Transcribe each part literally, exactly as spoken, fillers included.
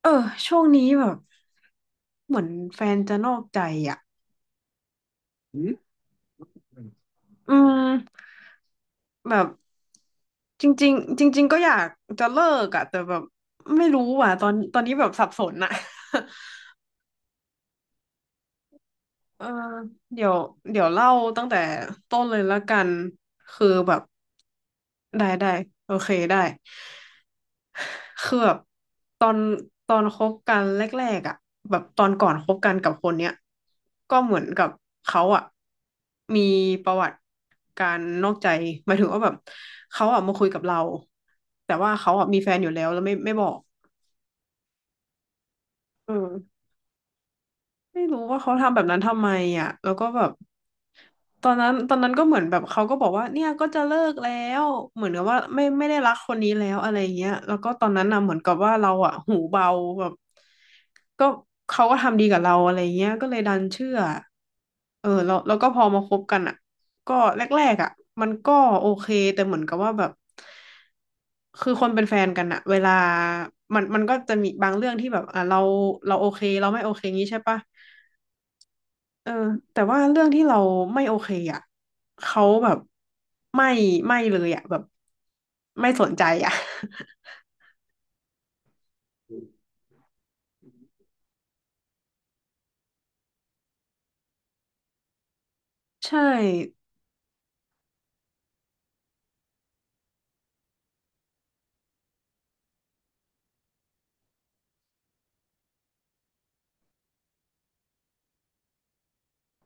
เออช่วงนี้แบบเหมือนแฟนจะนอกใจอ่ะอืมแบบจริงๆจริงๆก็อยากจะเลิกอ่ะแต่แบบไม่รู้อ่ะตอนตอนนี้แบบสับสนอ่ะ เออเดี๋ยวเดี๋ยวเล่าตั้งแต่ต้นเลยละกันคือแบบได้ได้โอเคได้ คือแบบตอนตอนคบกันแรกๆอ่ะแบบตอนก่อนคบกันกับคนเนี้ยก็เหมือนกับเขาอ่ะมีประวัติการนอกใจหมายถึงว่าแบบเขาอ่ะมาคุยกับเราแต่ว่าเขาอ่ะมีแฟนอยู่แล้วแล้วไม่ไม่บอกเออ ไม่รู้ว่าเขาทำแบบนั้นทำไมอ่ะแล้วก็แบบตอนนั้นตอนนั้นก็เหมือนแบบเขาก็บอกว่าเนี่ยก็จะเลิกแล้วเหมือนกับว่าไม่ไม่ได้รักคนนี้แล้วอะไรเงี้ยแล้วก็ตอนนั้นน่ะเหมือนกับว่าเราอ่ะหูเบาแบบก็เขาก็ทำดีกับเราอะไรเงี้ยก็เลยดันเชื่อเออแล้วแล้วก็พอมาคบกันอ่ะก็แรกๆอ่ะมันก็โอเคแต่เหมือนกับว่าแบบคือคนเป็นแฟนกันอะเวลามันมันก็จะมีบางเรื่องที่แบบอ่ะเราเราโอเคเราไม่โอเคงี้ใช่ปะ เออแต่ว่าเรื่องที่เราไม่โอเคอ่ะเขาแบบไม่ไม่เลยอ่ะแบบไม่สนใจอ่ะ ใช่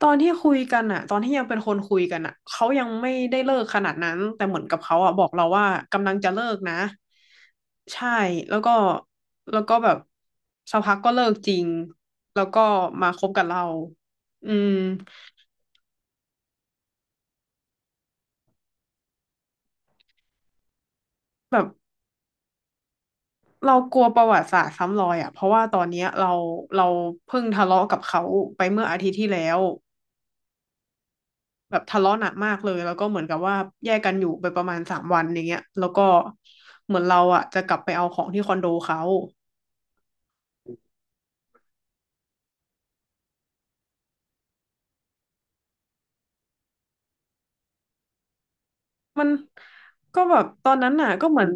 ตอนที่คุยกันอ่ะตอนที่ยังเป็นคนคุยกันอ่ะเขายังไม่ได้เลิกขนาดนั้นแต่เหมือนกับเขาอ่ะบอกเราว่ากำลังจะเลิกนะใช่แล้วก็แล้วก็แบบสักพักก็เลิกจริงแล้วก็มาคบกับเราอืมแบบ เรากลัวประวัติศาสตร์ซ้ำรอยอ่ะเพราะว่าตอนเนี้ยเราเราเพิ่งทะเลาะกับเขาไปเมื่ออาทิตย์ที่แล้วแบบทะเลาะหนักมากเลยแล้วก็เหมือนกับว่าแยกกันอยู่ไปประมาณสามวันอย่างเงี้ยแล้วก็เหมือนเราอ่ะจะกลับไปเอาของที่คอนโดเขา มันก็แบบตอนนั้นน่ะก็เหมือน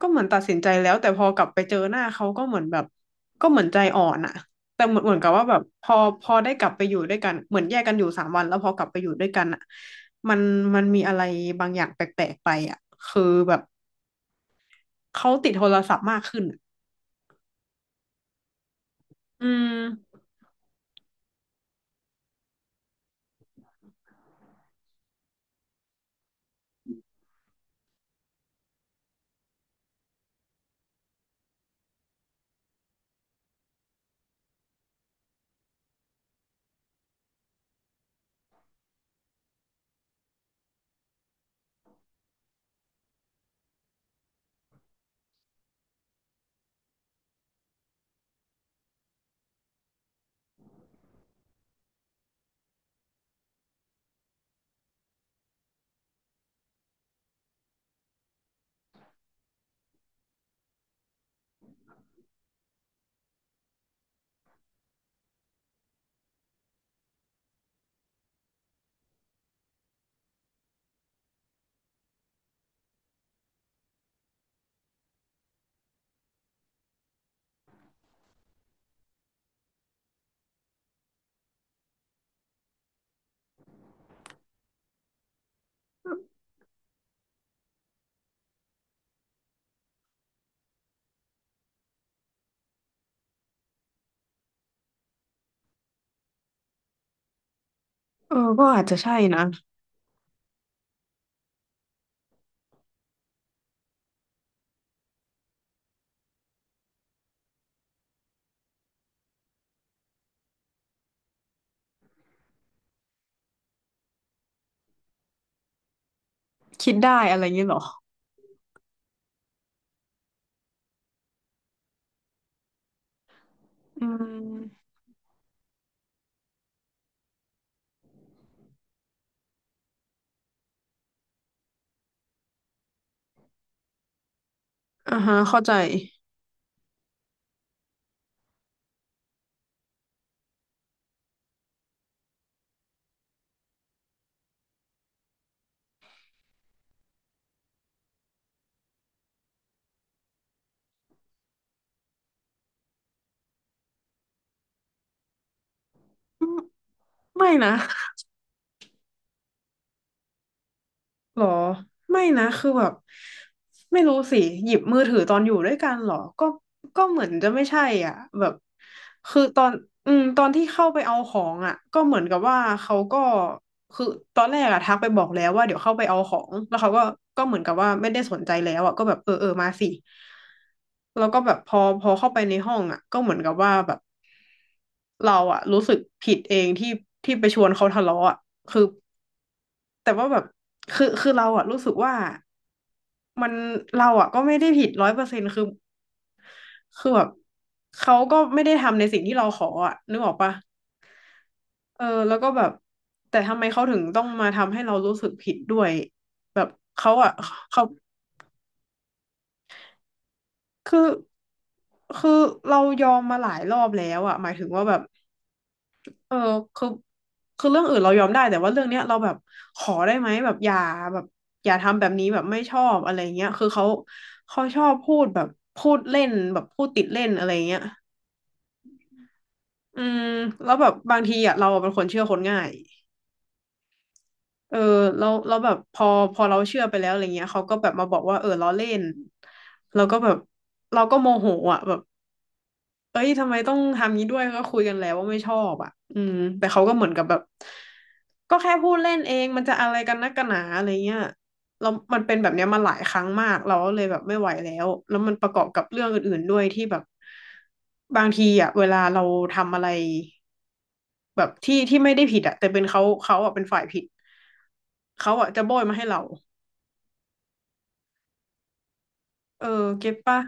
ก็เหมือนตัดสินใจแล้วแต่พอกลับไปเจอหน้าเขาก็เหมือนแบบก็เหมือนใจอ่อนอ่ะแต่เหมือนเหมือนกับว่าแบบพอพอได้กลับไปอยู่ด้วยกันเหมือนแยกกันอยู่สามวันแล้วพอกลับไปอยู่ด้วยกันอ่ะมันมันมีอะไรบางอย่างแปลกๆไปอ่ะคือแบบเขาติดโทรศัพท์มากขึ้นอะอืมเออก็อาจจะใช่นะคิดได้อะไรอย่างเงี้ยเหรออืมอ่าฮะเข้าใจอืมไม่นะ หรอไม่นะคือแบบไม่รู้สิหยิบมือถือตอนอยู่ด้วยกันหรอก็ก็เหมือนจะไม่ใช่อ่ะแบบคือตอนอืมตอนที่เข้าไปเอาของอ่ะก็เหมือนกับว่าเขาก็คือตอนแรกอะทักไปบอกแล้วว่าเดี๋ยวเข้าไปเอาของแล้วเขาก็ก็เหมือนกับว่าไม่ได้สนใจแล้วอ่ะก็แบบเออเออมาสิแล้วก็แบบพอพอเข้าไปในห้องอ่ะก็เหมือนกับว่าแบบเราอ่ะรู้สึกผิดเองที่ที่ไปชวนเขาทะเลาะอ่ะคือ แต่ว่าแบบคือคือเราอะรู้สึกว่ามันเราอะก็ไม่ได้ผิดร้อยเปอร์เซ็นต์คือคือแบบเขาก็ไม่ได้ทำในสิ่งที่เราขออะนึกออกปะเออแล้วก็แบบแต่ทำไมเขาถึงต้องมาทำให้เรารู้สึกผิดด้วยเขาอะเขาคือคือเรายอมมาหลายรอบแล้วอะหมายถึงว่าแบบ เออคือคือเรื่องอื่นเรายอมได้แต่ว่าเรื่องเนี้ยเราแบบขอได้ไหมแบบอย่าแบบอย่าทำแบบนี้แบบไม่ชอบอะไรเงี้ยคือเขาเขาชอบพูดแบบพูดเล่นแบบพูดติดเล่นอะไรเงี้ยอืมแล้วแบบบางทีอ่ะเราเป็นคนเชื่อคนง่ายเออเราเราแบบพอพอเราเชื่อไปแล้วอะไรเงี้ยเขาก็แบบมาบอกว่าเออล้อเล่นเราก็แบบเราก็โมโหอ่ะแบบ เอ้ยทำไมต้องทำนี้ด้วยก็คุยกันแล้วว่าไม่ชอบอ่ะอืมแต่เขาก็เหมือนกับแบบก็แค่พูดเล่นเองมันจะอะไรกันนักกันหนาอะไรเงี้ยเรามันเป็นแบบเนี้ยมาหลายครั้งมากเราก็เลยแบบไม่ไหวแล้วแล้วมันประกอบกับเรื่องอื่นๆด้วยที่แบบบางทีอ่ะเวลาเราทำอะไรแบบที่ที่ไม่ได้ผิดอ่ะแต่เป็นเขาเขาอ่ะเป็นฝ่ายผิดเขาอ่ะจะโบยมาให้เราเออเก็ตปะ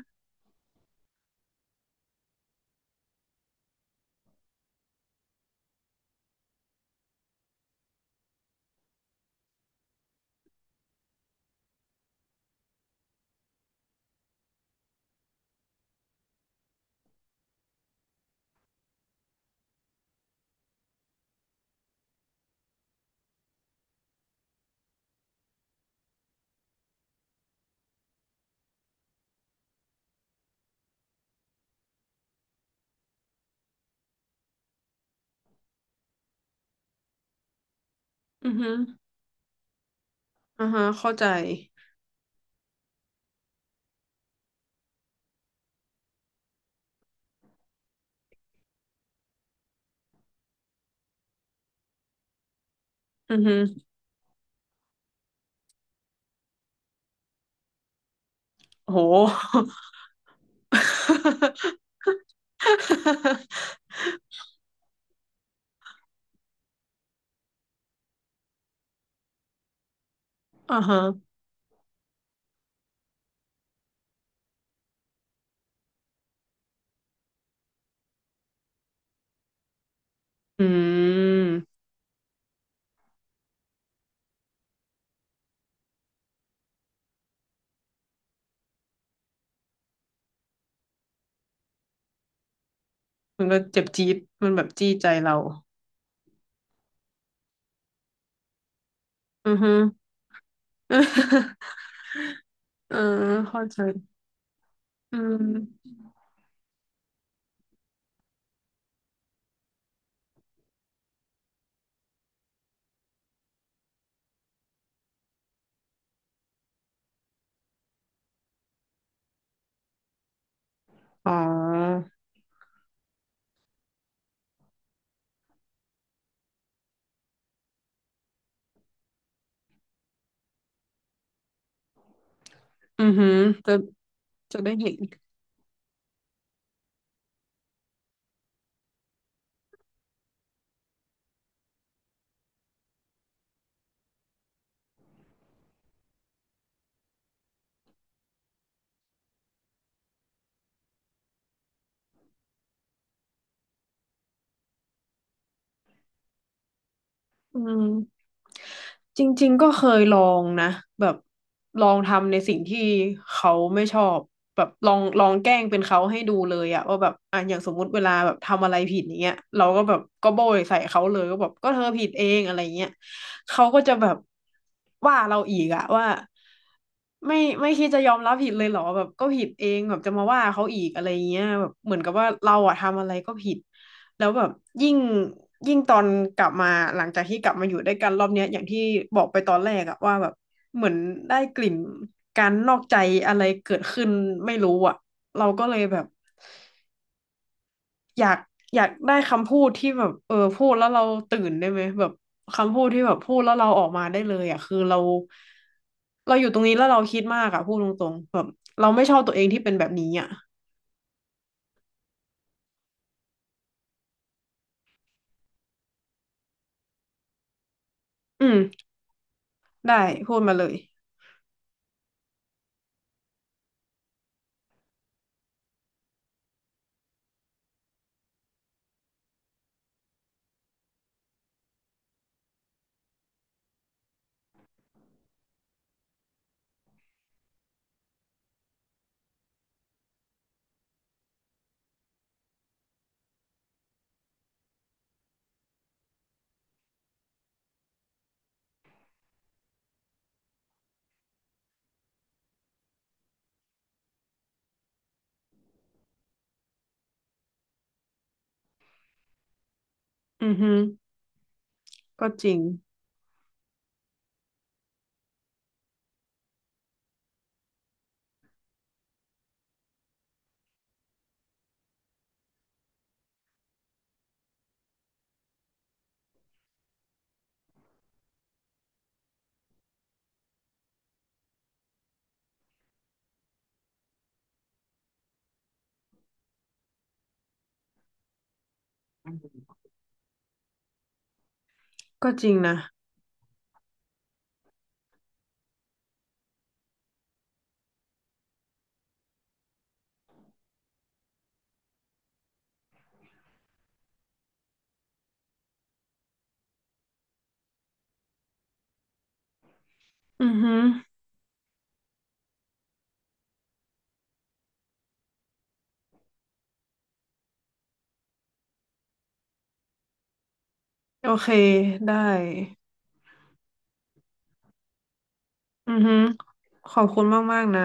อือฮึอือฮะเข้าใจอือฮึโห อ่าฮะอืมมันก็เจ็บจี๊ดมันแบบจี้ใจเราอือฮึ เออเข้าใจอืมอ๋ออือฮึจะจะได้เห็นอืม จริงๆ ก็เคยลองนะแบบลองทำในสิ่งที่เขาไม่ชอบแบบลองลองแกล้งเป็นเขาให้ดูเลยอะว่าแบบอ่ะอย่างสมมุติเวลาแบบทำอะไรผิดอย่างเงี้ยเราก็แบบก็โบยใส่เขาเลยก็แบบก็เธอผิดเองอะไรเงี้ยเขาก็จะแบบว่าเราอีกอะว่าไม่ไม่คิดจะยอมรับผิดเลยเหรอแบบก็ผิดเองแบบจะมาว่าเขาอีกอะไรเงี้ยแบบเหมือนกับว่าเราอะทำอะไรก็ผิด แล้วแบบยิ่งยิ่งตอนกลับมาหลังจากที่กลับมาอยู่ด้วยกันรอบเนี้ยอย่างที่บอกไปตอนแรกอะว่าแบบเหมือนได้กลิ่นการนอกใจอะไรเกิดขึ้นไม่รู้อะเราก็เลยแบบอยากอยากได้คำพูดที่แบบเออพูดแล้วเราตื่นได้ไหมแบบคำพูดที่แบบพูดแล้วเราออกมาได้เลยอะคือเราเราอยู่ตรงนี้แล้วเราคิดมากอะพูดตรงๆแบบเราไม่ชอบตัวเองที่เป็นแบบนี้อะอืมได้พูดมาเลยอือฮึก็จริงก็จริงนะอือฮึ โอเคได้อือฮึขอบคุณมากๆนะ